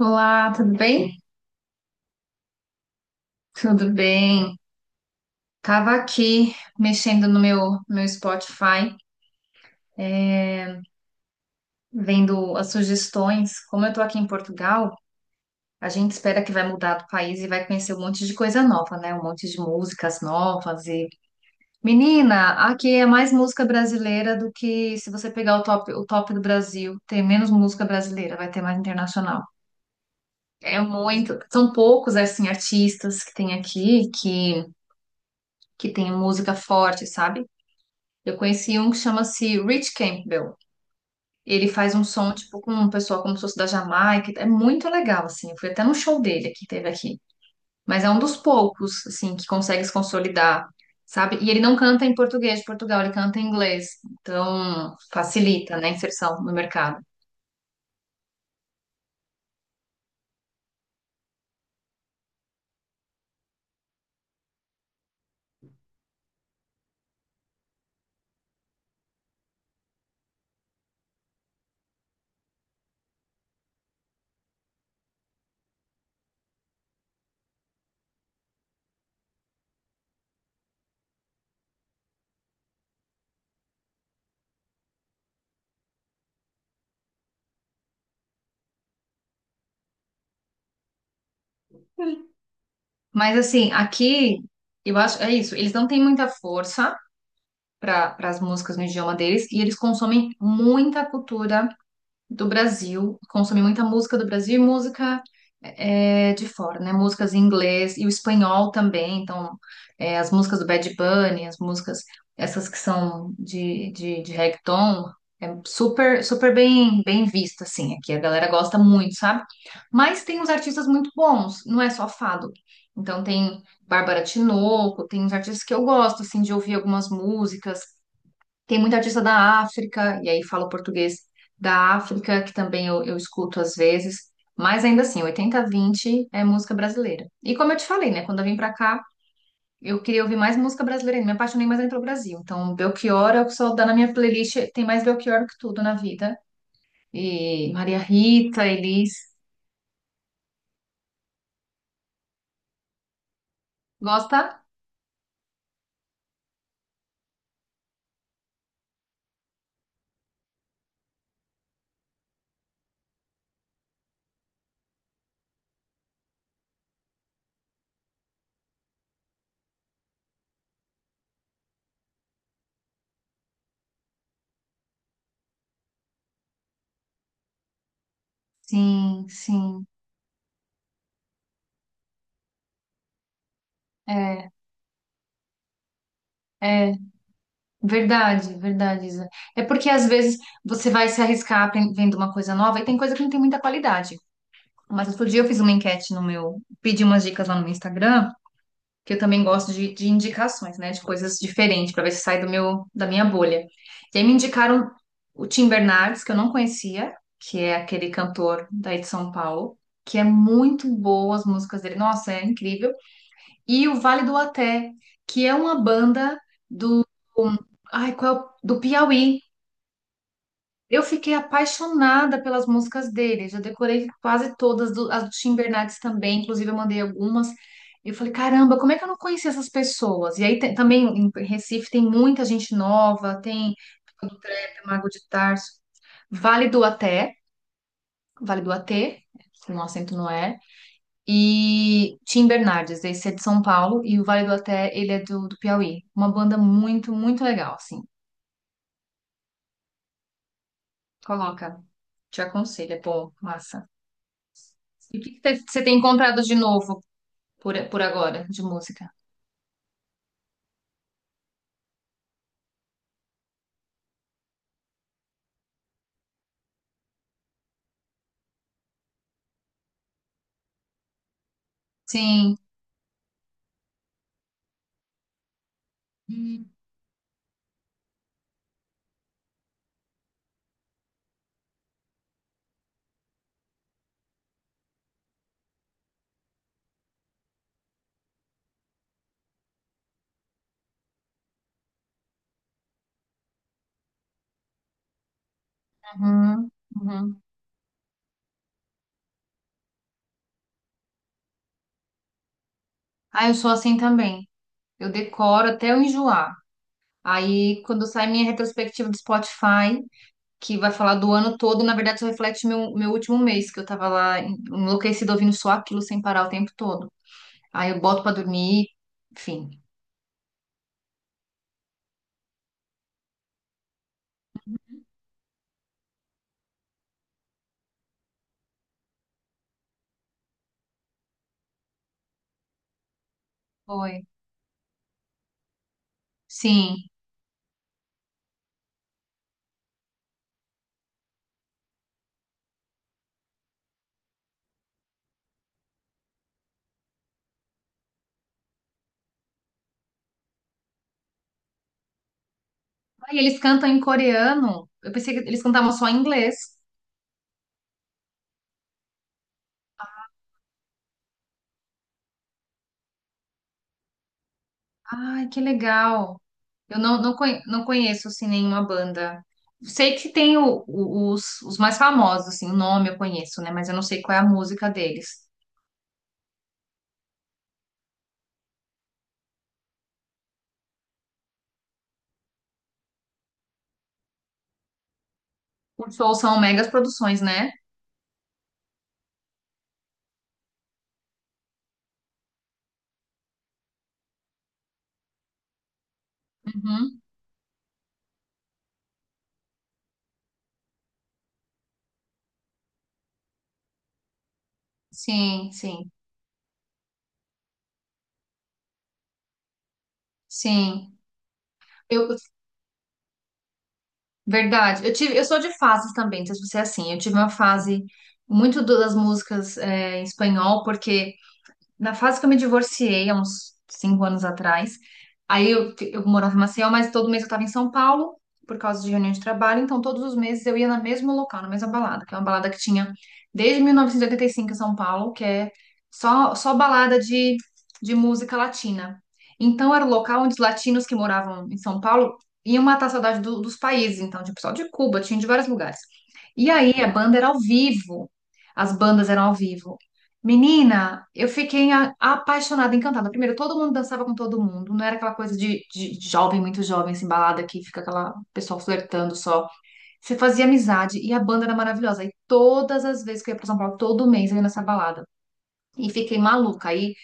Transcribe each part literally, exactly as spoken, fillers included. Olá, tudo bem? Tudo bem. Tava aqui mexendo no meu, meu Spotify, vendo as sugestões. Como eu tô aqui em Portugal, a gente espera que vai mudar do país e vai conhecer um monte de coisa nova, né? Um monte de músicas novas e... Menina, aqui é mais música brasileira do que se você pegar o top, o top do Brasil, tem menos música brasileira, vai ter mais internacional. É muito, são poucos assim artistas que tem aqui que que tem música forte, sabe? Eu conheci um que chama-se Rich Campbell. Ele faz um som, tipo, com um pessoal como se fosse da Jamaica. É muito legal, assim. Eu fui até num show dele que teve aqui. Mas é um dos poucos, assim, que consegue se consolidar, sabe? E ele não canta em português de Portugal, ele canta em inglês. Então, facilita, né, a inserção no mercado. Mas, assim, aqui, eu acho, é isso. Eles não têm muita força para as músicas no idioma deles e eles consomem muita cultura do Brasil, consumi muita música do Brasil e música é, de fora, né? Músicas em inglês e o espanhol também. Então, é, as músicas do Bad Bunny, as músicas, essas que são de, de, de reggaeton, é super, super bem, bem vista, assim. Aqui a galera gosta muito, sabe? Mas tem uns artistas muito bons, não é só fado. Então, tem Bárbara Tinoco, tem uns artistas que eu gosto, assim, de ouvir algumas músicas. Tem muita artista da África, e aí falo português da África, que também eu, eu escuto às vezes, mas ainda assim, oitenta a vinte é música brasileira. E como eu te falei, né, quando eu vim pra cá, eu queria ouvir mais música brasileira, ainda, me apaixonei mais ainda pelo Brasil. Então, Belchior é o que só dá na minha playlist, tem mais Belchior do que tudo na vida. E Maria Rita, Elis. Gosta? Sim, sim. É, é verdade, verdade, Isa. É porque às vezes você vai se arriscar apren- vendo uma coisa nova e tem coisa que não tem muita qualidade. Mas outro dia eu fiz uma enquete no meu, pedi umas dicas lá no meu Instagram, que eu também gosto de, de indicações, né, de coisas diferentes, para ver se sai do meu, da minha bolha. E aí me indicaram o Tim Bernardes, que eu não conhecia, que é aquele cantor daí de São Paulo, que é muito boa as músicas dele, nossa, é incrível. E o Vale do Até, que é uma banda do, ai, qual, é o- do Piauí. Eu fiquei apaixonada pelas músicas dele. Já decorei quase todas, do- as do Tim Bernardes também, inclusive eu mandei algumas. Eu falei, caramba, como é que eu não conhecia essas pessoas? E aí tem- também em Recife tem muita gente nova, tem do Trap, Mago de Tarso, Vale do Até, Vale do Atê, se o acento não é, e Tim Bernardes, esse é de São Paulo, e o Vale do Até, ele é do, do Piauí. Uma banda muito, muito legal, assim. Coloca, te aconselho, é bom, massa. E o que que você tem encontrado de novo por, por agora, de música? Sim. Uhum, uhum. Ah, eu sou assim também. Eu decoro até eu enjoar. Aí, quando sai minha retrospectiva do Spotify, que vai falar do ano todo, na verdade só reflete meu, meu último mês, que eu tava lá en- enlouquecida ouvindo só aquilo sem parar o tempo todo. Aí eu boto pra dormir, enfim. Foi. Sim. Aí eles cantam em coreano. Eu pensei que eles cantavam só em inglês. Ai, que legal. Eu não, não, conhe- Não conheço, assim, nenhuma banda. Sei que tem o- o- os, os mais famosos, assim, o nome eu conheço, né? Mas eu não sei qual é a música deles. Os shows são megas produções, né? Uhum. Sim, sim, sim. Eu, verdade. Eu tive, eu sou de fases também, não sei se você é assim. Eu tive uma fase muito do- das músicas é, em espanhol, porque na fase que eu me divorciei, há uns cinco anos atrás, aí eu, eu morava em Maceió, mas todo mês eu estava em São Paulo, por causa de reunião de trabalho, então todos os meses eu ia no mesmo local, na mesma balada, que é uma balada que tinha desde mil novecentos e oitenta e cinco em São Paulo, que é só, só balada de, de música latina. Então era o local onde os latinos que moravam em São Paulo iam matar a saudade do- dos países, então tinha pessoal de Cuba, tinha de vários lugares. E aí a banda era ao vivo. As bandas eram ao vivo. Menina, eu fiquei a- apaixonada, encantada. Primeiro, todo mundo dançava com todo mundo, não era aquela coisa de, de jovem, muito jovem, assim, balada que fica aquela pessoa flertando só. Você fazia amizade e a banda era maravilhosa. E todas as vezes que eu ia pra São Paulo, todo mês eu ia nessa balada. E fiquei maluca. Aí,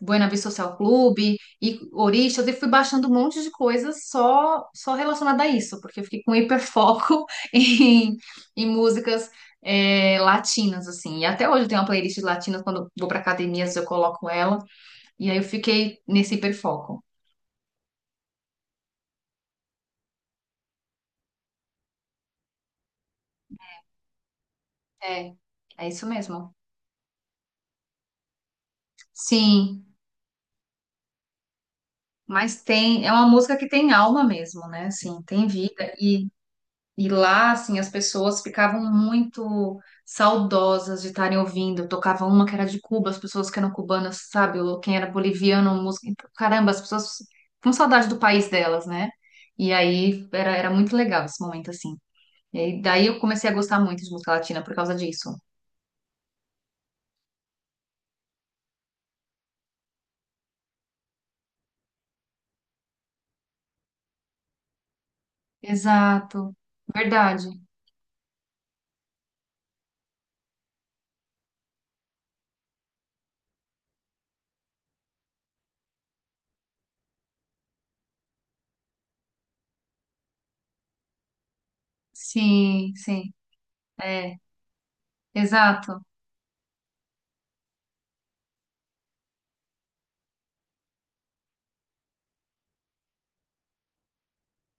Buena Vista Social Clube e Orixás, e fui baixando um monte de coisas só, só relacionada a isso, porque eu fiquei com hiperfoco em, em músicas é, latinas, assim. E até hoje eu tenho uma playlist de latinas, quando eu vou para academias eu coloco ela, e aí eu fiquei nesse hiperfoco. É, é isso mesmo. Sim, mas tem, é uma música que tem alma mesmo, né? Assim, tem vida. E lá, assim, as pessoas ficavam muito saudosas de estarem ouvindo. Eu tocava uma que era de Cuba, as pessoas que eram cubanas, sabe? Ou quem era boliviano, música. Então, caramba, as pessoas com saudade do país delas, né? E aí era, era muito legal esse momento, assim. E aí, daí eu comecei a gostar muito de música latina por causa disso. Exato. Verdade. Sim, sim. É, exato.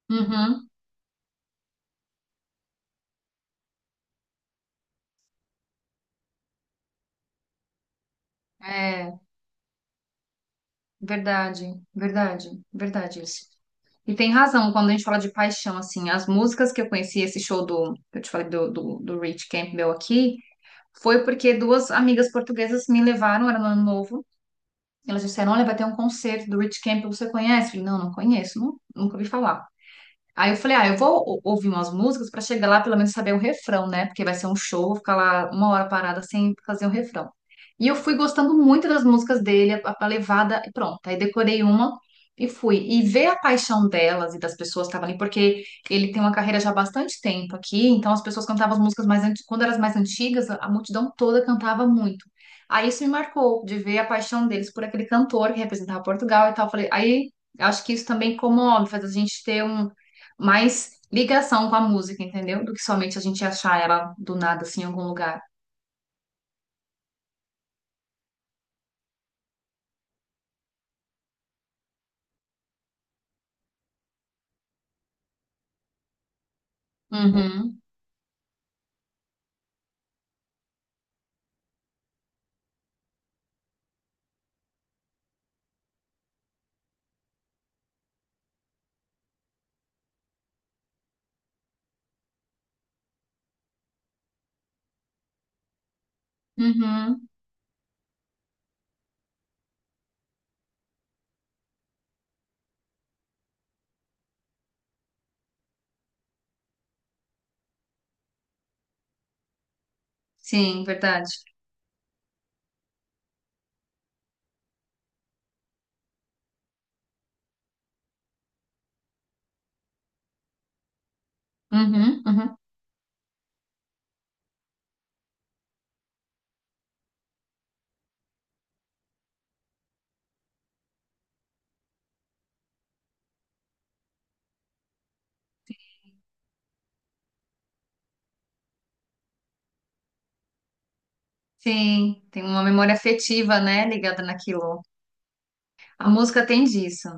Uhum. É. Verdade, verdade, verdade isso. E tem razão quando a gente fala de paixão, assim, as músicas que eu conheci, esse show do, que eu te falei do, do, do Rich Campbell aqui, foi porque duas amigas portuguesas me levaram, era no ano novo, elas disseram, olha, vai ter um concerto do Rich Campbell, você conhece? Eu falei, não, não conheço, nu- nunca ouvi falar. Aí eu falei, ah, eu vou ou- ouvir umas músicas pra chegar lá pelo menos saber o refrão, né? Porque vai ser um show, vou ficar lá uma hora parada sem fazer o refrão. E eu fui gostando muito das músicas dele, a, a levada, e pronto. Aí decorei uma e fui. E ver a paixão delas e das pessoas que estavam ali, porque ele tem uma carreira já há bastante tempo aqui, então as pessoas cantavam as músicas mais antigas, quando eram as mais antigas, a a multidão toda cantava muito. Aí isso me marcou, de ver a paixão deles por aquele cantor que representava Portugal e tal. Falei, aí acho que isso também comove, faz a gente ter um mais ligação com a música, entendeu? Do que somente a gente achar ela do nada, assim, em algum lugar. Uhum, uhum. Sim, verdade. Uhum, uhum. Sim, tem uma memória afetiva, né, ligada naquilo. A música tem disso.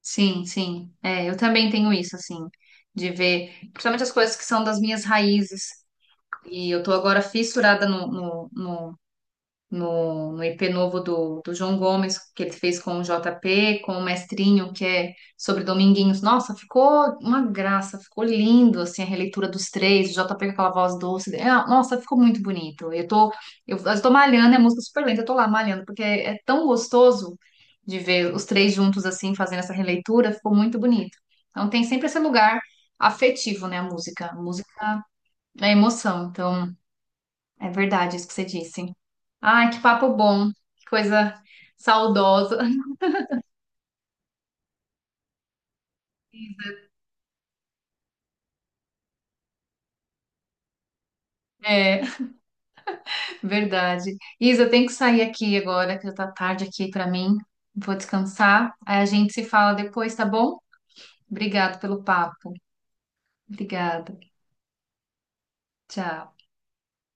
Sim, sim. É, eu também tenho isso, assim, de ver, principalmente as coisas que são das minhas raízes. E eu tô agora fissurada no, no, no, no I P novo do, do João Gomes, que ele fez com o J P, com o Mestrinho, que é sobre Dominguinhos. Nossa, ficou uma graça, ficou lindo, assim, a releitura dos três, o J P com aquela voz doce. É, nossa, ficou muito bonito. Eu tô, eu, eu tô malhando, é música super lenta, eu tô lá malhando, porque é, é tão gostoso de ver os três juntos, assim, fazendo essa releitura, ficou muito bonito. Então tem sempre esse lugar afetivo, né, a música. A música é emoção, então... É verdade isso que você disse. Ai, que papo bom, que coisa saudosa. É, verdade. Isa, eu tenho que sair aqui agora, que já tá tarde aqui pra mim. Vou descansar. Aí a gente se fala depois, tá bom? Obrigado pelo papo. Obrigada. Tchau.